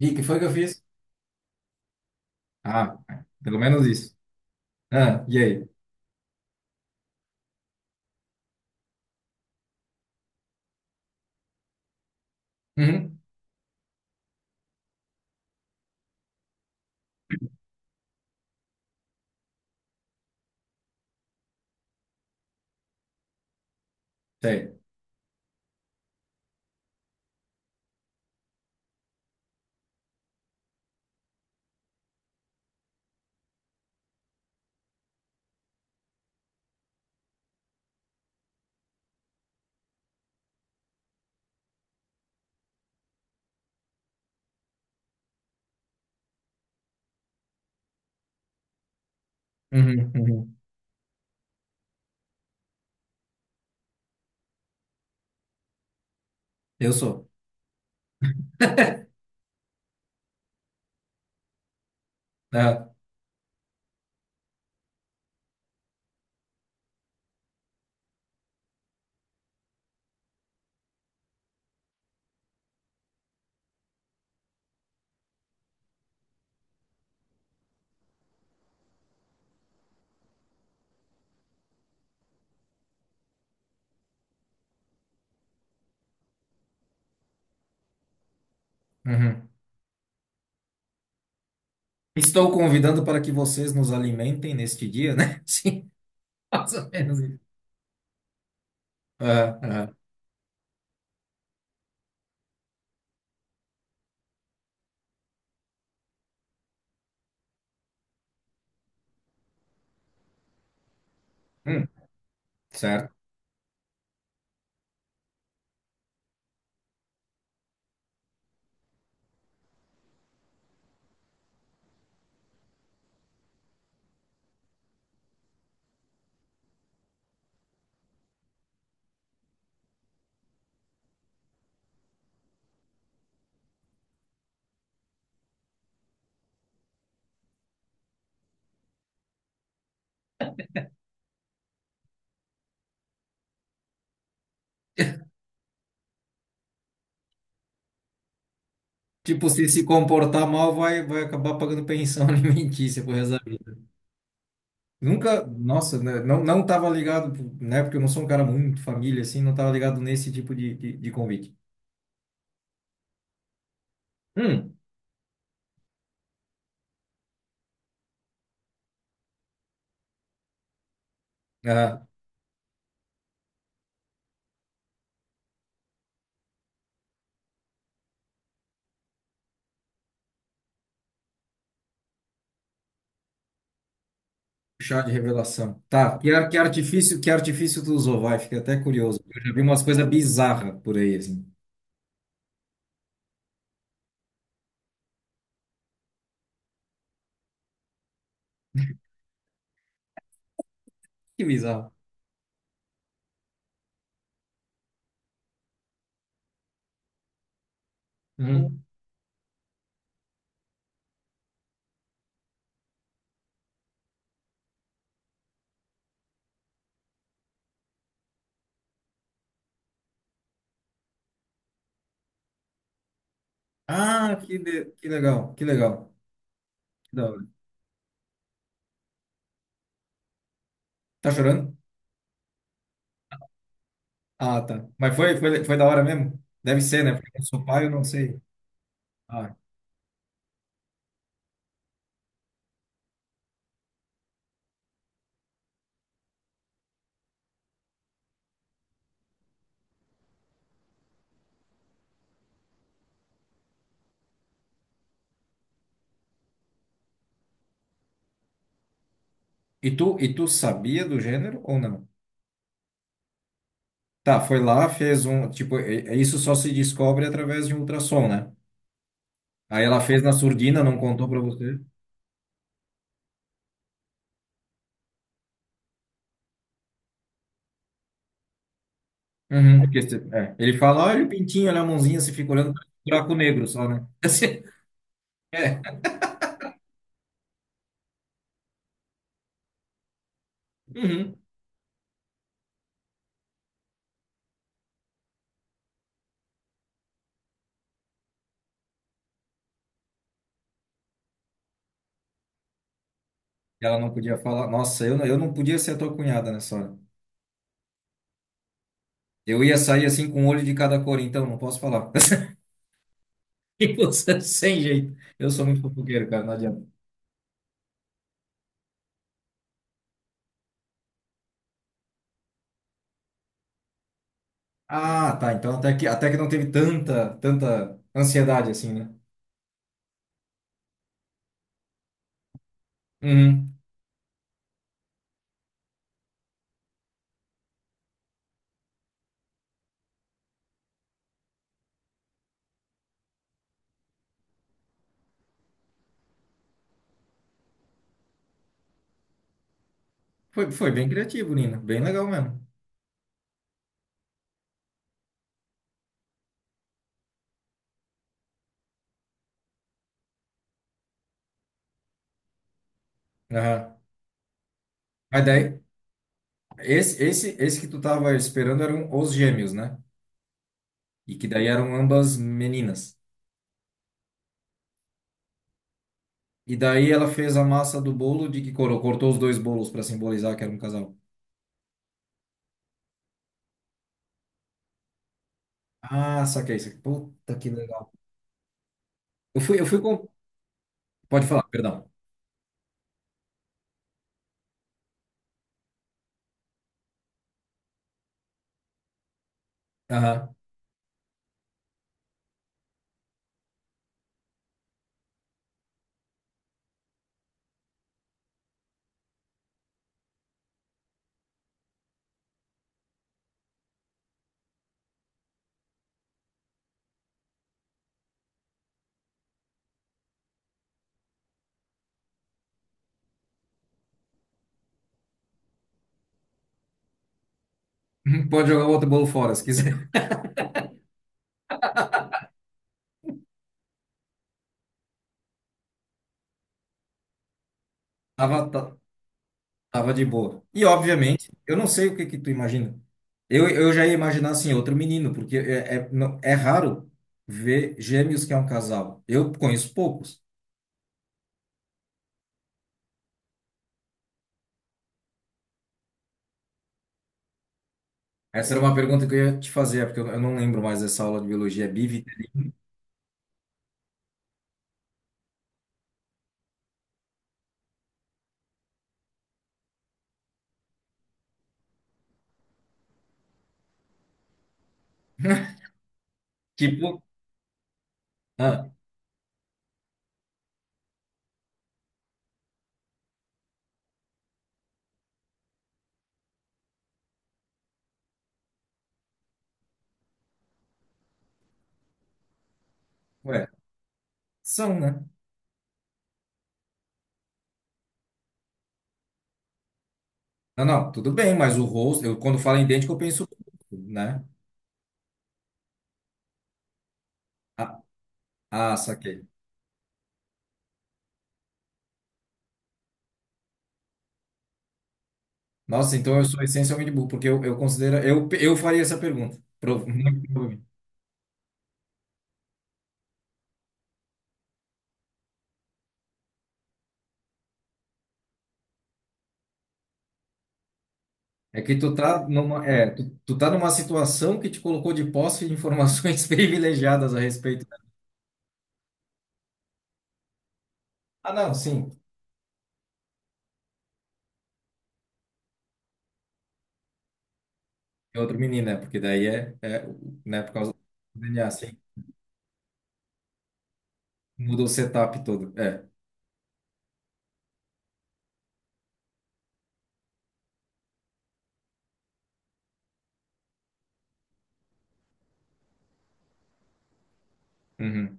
E que foi que eu fiz? Ah, pelo menos isso. Ah, e aí? Uhum, sei. Uhum, uhum. Eu sou. Ah, uhum. Estou convidando para que vocês nos alimentem neste dia, né? Sim, mais ou menos isso. Ah, ah. Hum, certo. Tipo, se comportar mal, vai acabar pagando pensão alimentícia por resto da vida. Nunca, nossa, né, não tava ligado, né? Porque eu não sou um cara muito família, assim, não tava ligado nesse tipo de convite. Hum, ah. Chá de revelação. Tá, que artifício tu usou? Vai, fiquei até curioso. Eu já vi umas coisas bizarras por aí, assim. Que bizarro. Uhum. Ah, que legal, que legal. Que da hora. Tá chorando? Ah, tá. Mas foi da hora mesmo? Deve ser, né? Porque eu sou pai, eu não sei. Ah. E tu sabia do gênero ou não? Tá, foi lá, fez um. Tipo, é isso só se descobre através de um ultrassom, né? Aí ela fez na surdina, não contou pra você. Uhum, porque ele fala, olha o pintinho, olha a mãozinha, você fica olhando para um buraco negro só, né? Assim, é. Uhum. Ela não podia falar. Nossa, eu não podia ser a tua cunhada nessa hora. Eu ia sair assim com um olho de cada cor, então não posso falar. E você sem jeito. Eu sou muito fofoqueiro, cara, não adianta. Ah, tá. Então até que não teve tanta ansiedade assim, né? Uhum. Foi, foi bem criativo, Nina. Bem legal mesmo. Aham. Mas daí, esse que tu tava esperando eram os gêmeos, né? E que daí eram ambas meninas. E daí ela fez a massa do bolo de que cor? Ela cortou os dois bolos para simbolizar que era um casal. Ah, saquei isso. Puta que legal. Eu fui com. Pode falar, perdão. Aham. Pode jogar o outro bolo fora, se quiser. Tava, tava de boa. E obviamente, eu não sei o que que tu imagina. Eu, já ia imaginar assim, outro menino, porque é raro ver gêmeos que é um casal. Eu conheço poucos. Essa era uma pergunta que eu ia te fazer, é porque eu não lembro mais dessa aula de biologia. É bivi. Tipo, ah, ué, são, né? Não, não, tudo bem, mas o rosto, eu quando falo em idêntico, eu penso, né? Ah, ah, saquei. Nossa, então eu sou essencialmente burro, porque eu, faria essa pergunta. Muito provavelmente. É que tu tá numa situação que te colocou de posse de informações privilegiadas a respeito. Ah, não, sim, é outro menino, né? Porque daí né, por causa do DNA, sim. Mudou o setup todo. É. Uhum.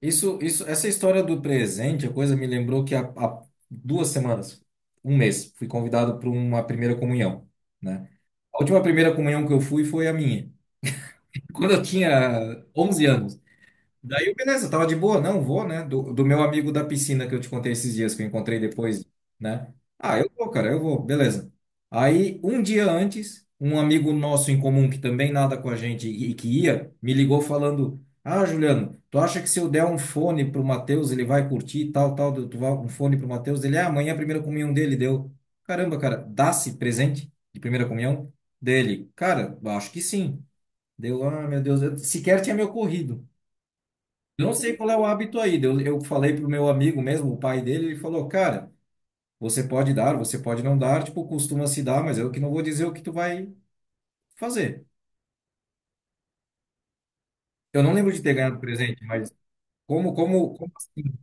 Isso, essa história do presente, a coisa me lembrou que há duas semanas, um mês, fui convidado para uma primeira comunhão, né? A última primeira comunhão que eu fui foi a minha. Quando eu tinha 11 anos. Daí, eu, beleza, tava de boa, não vou, né? Do meu amigo da piscina que eu te contei esses dias, que eu encontrei depois, né? Ah, eu vou, cara, eu vou, beleza. Aí, um dia antes, um amigo nosso em comum que também nada com a gente que ia, me ligou falando: ah, Juliano, tu acha que se eu der um fone pro Matheus, ele vai curtir e tal, tal, tu vai um fone pro Matheus? Ele, ah, amanhã é a primeira comunhão dele deu. Caramba, cara, dá-se presente de primeira comunhão dele? Cara, acho que sim. Deu, ah, meu Deus, eu sequer tinha me ocorrido. Eu não sei qual é o hábito aí. Eu, falei pro meu amigo mesmo, o pai dele, ele falou, cara, você pode dar, você pode não dar, tipo, costuma se dar, mas eu que não vou dizer o que tu vai fazer. Eu não lembro de ter ganhado presente, mas como assim?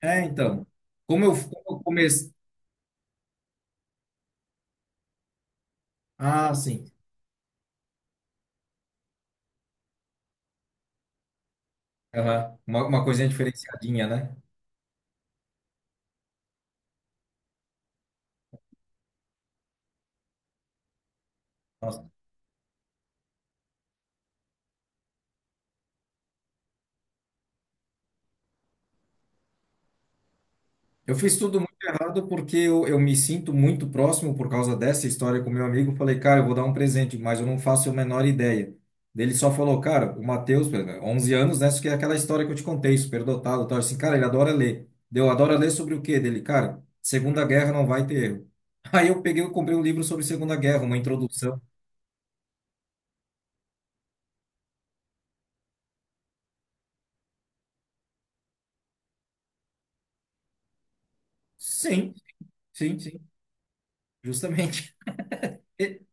É, então, como eu comecei... Ah, sim. Aham. Uma coisinha diferenciadinha, né? Nossa, eu fiz tudo muito errado porque eu me sinto muito próximo por causa dessa história com meu amigo. Falei, cara, eu vou dar um presente, mas eu não faço a menor ideia. Daí ele só falou, cara, o Matheus, 11 anos, né? Isso que é aquela história que eu te contei, superdotado, tal. Assim, cara, ele adora ler. Deu, adora ler sobre o quê? Dele, cara, Segunda Guerra não vai ter erro. Aí eu peguei e comprei um livro sobre Segunda Guerra, uma introdução. Sim, sim, justamente. Ele,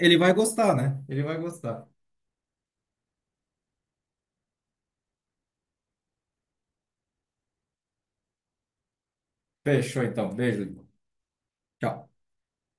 ele vai gostar, né? Ele vai gostar. Fechou, então. Beijo. Irmão. Tchau.